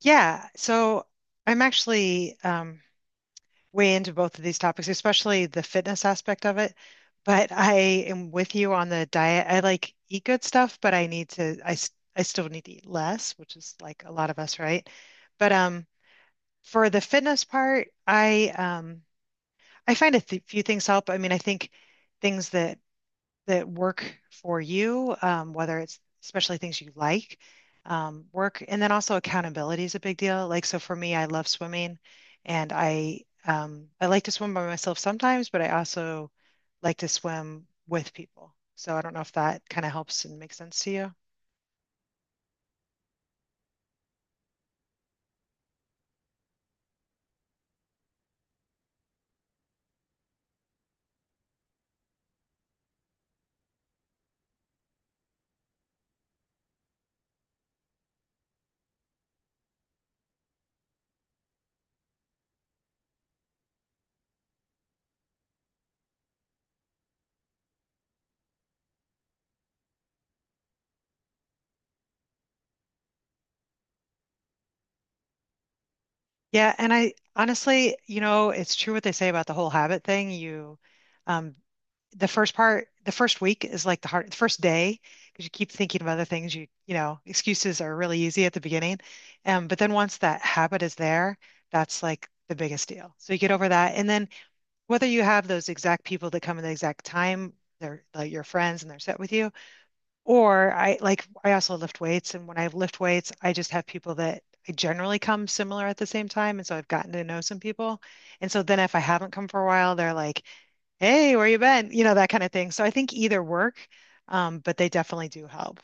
Yeah, so I'm actually way into both of these topics, especially the fitness aspect of it. But I am with you on the diet. I like eat good stuff, but I still need to eat less, which is like a lot of us, right? But For the fitness part, I find a th few things help. I mean, I think things that work for you, whether it's especially things you like, work, and then also accountability is a big deal. Like, so for me, I love swimming, and I like to swim by myself sometimes, but I also like to swim with people. So I don't know if that kind of helps and makes sense to you. Yeah, and I honestly, it's true what they say about the whole habit thing. Um, the first part, the first week is like the hard, the first day, because you keep thinking of other things. Excuses are really easy at the beginning, but then once that habit is there, that's like the biggest deal. So you get over that, and then whether you have those exact people that come in the exact time, they're like your friends and they're set with you, or I, like, I also lift weights, and when I lift weights, I just have people that I generally come similar at the same time, and so I've gotten to know some people. And so then if I haven't come for a while, they're like, "Hey, where you been?" That kind of thing. So I think either work, but they definitely do help.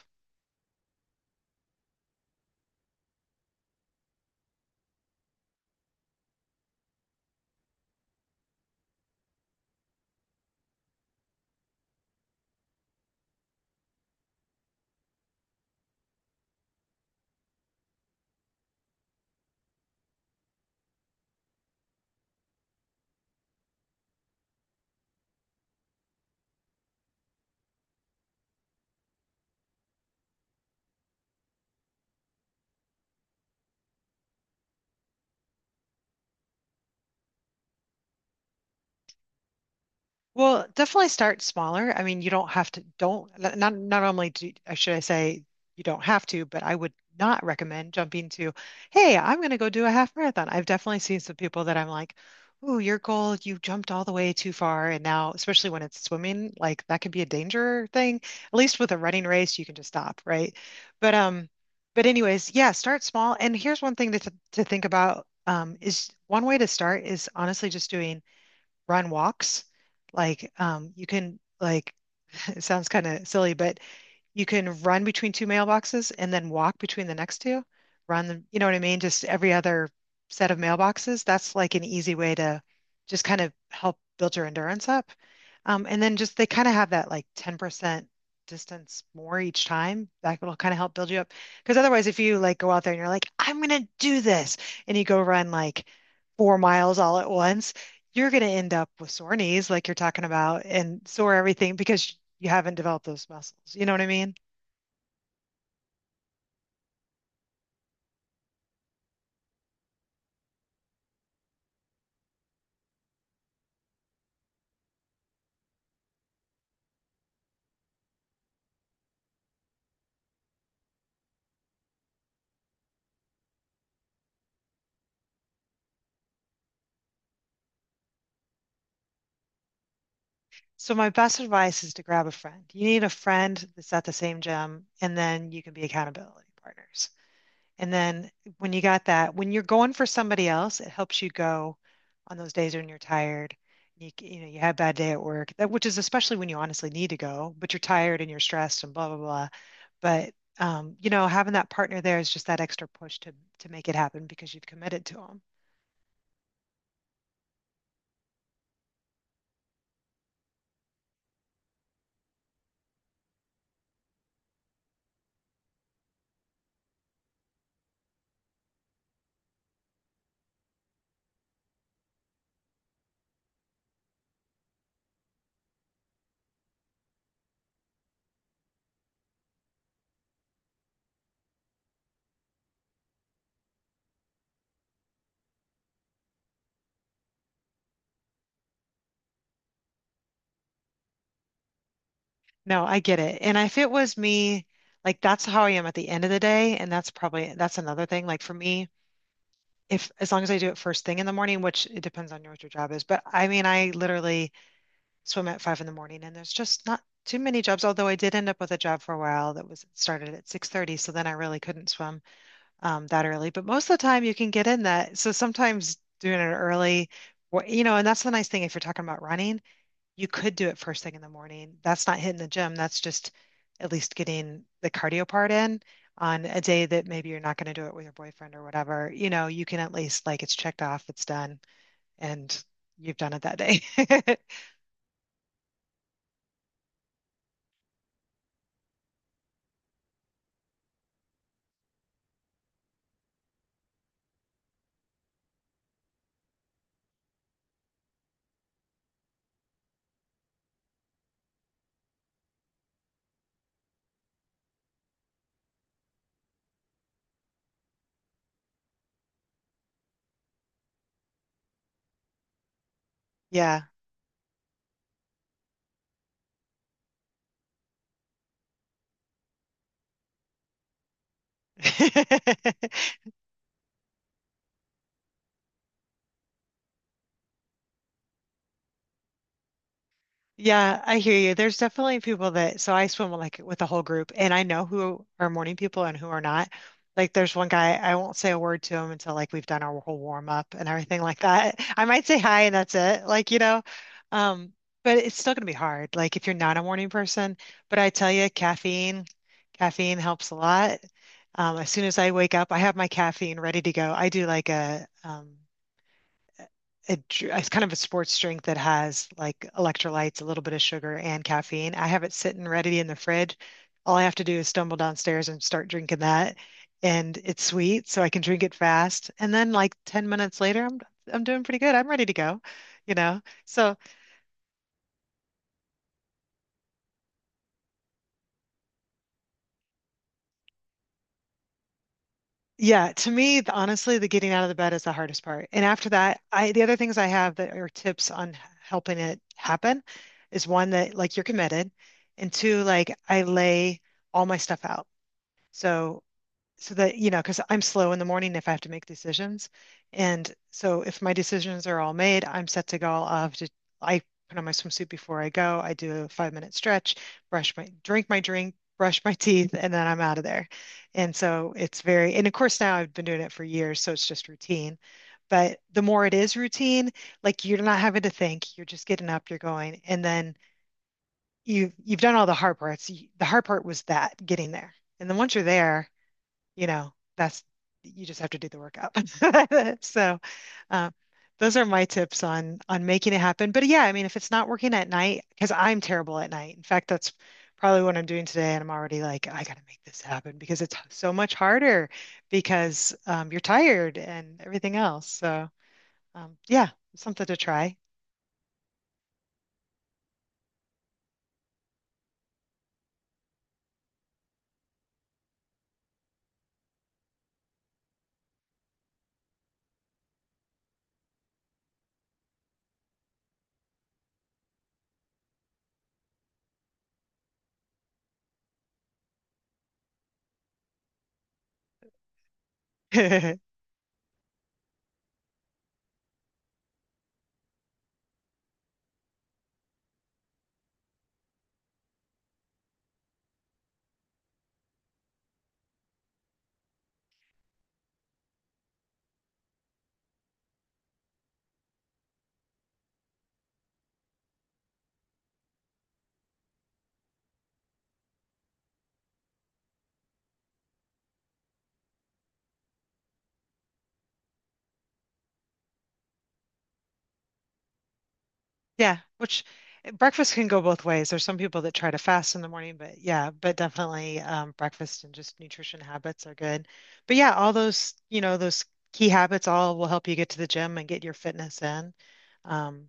Well, definitely start smaller. I mean, you don't have to, don't, not, not not only do, should I say you don't have to, but I would not recommend jumping to, hey, I'm going to go do a half marathon. I've definitely seen some people that I'm like, ooh, your goal, you jumped all the way too far. And now, especially when it's swimming, like that could be a danger thing. At least with a running race, you can just stop, right? But, um, but anyways, yeah, start small. And here's one thing to think about, is one way to start is honestly just doing run walks. Like you can like It sounds kind of silly, but you can run between two mailboxes and then walk between the next two, run them, you know what I mean? Just every other set of mailboxes. That's like an easy way to just kind of help build your endurance up. And then just they kind of have that like 10% distance more each time. That will kind of help build you up. Because otherwise, if you like go out there and you're like, I'm gonna do this, and you go run like 4 miles all at once, you're gonna end up with sore knees, like you're talking about, and sore everything because you haven't developed those muscles. You know what I mean? So my best advice is to grab a friend. You need a friend that's at the same gym, and then you can be accountability partners. And then when you got that, when you're going for somebody else, it helps you go on those days when you're tired. You had a bad day at work, that which is especially when you honestly need to go, but you're tired and you're stressed and blah blah blah. But having that partner there is just that extra push to make it happen because you've committed to them. No, I get it. And if it was me, like that's how I am at the end of the day, and that's another thing. Like for me, if as long as I do it first thing in the morning, which it depends on your what your job is, but I mean, I literally swim at 5 in the morning, and there's just not too many jobs. Although I did end up with a job for a while that was started at 6:30, so then I really couldn't swim that early. But most of the time, you can get in that. So sometimes doing it early, and that's the nice thing if you're talking about running you could do it first thing in the morning. That's not hitting the gym. That's just at least getting the cardio part in on a day that maybe you're not going to do it with your boyfriend or whatever. You can at least like it's checked off, it's done, and you've done it that day. Yeah. Yeah, I hear you. There's definitely people that, so I swim like with a whole group and I know who are morning people and who are not. Like there's one guy, I won't say a word to him until like we've done our whole warm up and everything like that. I might say hi and that's it. Um, but it's still gonna be hard. Like if you're not a morning person, but I tell you, caffeine, helps a lot. As soon as I wake up, I have my caffeine ready to go. I do like a, it's kind of a sports drink that has like electrolytes, a little bit of sugar, and caffeine. I have it sitting ready in the fridge. All I have to do is stumble downstairs and start drinking that. And it's sweet, so I can drink it fast. And then like 10 minutes later, I'm doing pretty good. I'm ready to go. So yeah, to me, honestly, the getting out of the bed is the hardest part. And after that, I the other things I have that are tips on helping it happen is one that like you're committed, and two, like I lay all my stuff out. So so that, because I'm slow in the morning if I have to make decisions. And so if my decisions are all made, I'm set to go. I put on my swimsuit before I go. I do a 5-minute stretch, drink my drink, brush my teeth, and then I'm out of there. And so it's very, and of course now I've been doing it for years, so it's just routine. But the more it is routine, like you're not having to think, you're just getting up, you're going, and then you've done all the hard parts. The hard part was that getting there. And then once you're there, that's you just have to do the work up. So, uh, those are my tips on making it happen. But yeah, I mean, if it's not working at night, because I'm terrible at night. In fact, that's probably what I'm doing today, and I'm already like, I gotta make this happen because it's so much harder because you're tired and everything else. So, yeah, something to try. Yeah, which breakfast can go both ways. There's some people that try to fast in the morning, but yeah, but definitely breakfast and just nutrition habits are good. But yeah, all those, those key habits all will help you get to the gym and get your fitness in. Um,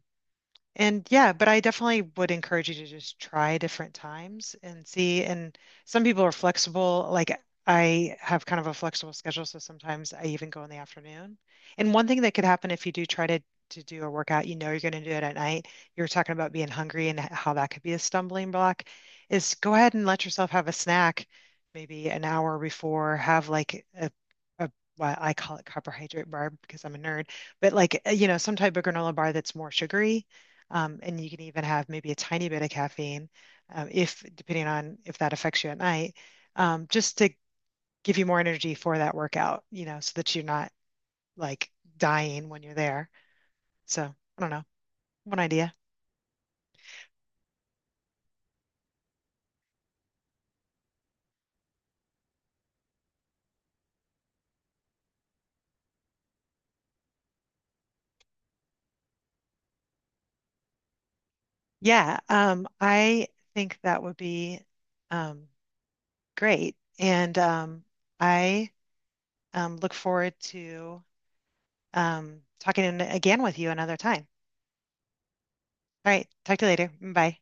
and yeah, but I definitely would encourage you to just try different times and see. And some people are flexible. Like I have kind of a flexible schedule, so sometimes I even go in the afternoon. And one thing that could happen if you do try to do a workout, you know you're going to do it at night. You are talking about being hungry and how that could be a stumbling block, is go ahead and let yourself have a snack, maybe an hour before, have like a what I call it carbohydrate bar because I'm a nerd but like some type of granola bar that's more sugary and you can even have maybe a tiny bit of caffeine, if depending on if that affects you at night, just to give you more energy for that workout, so that you're not like dying when you're there. So I don't know, one idea. Yeah, I think that would be um, great. And I look forward to talking again with you another time. All right, talk to you later. Bye.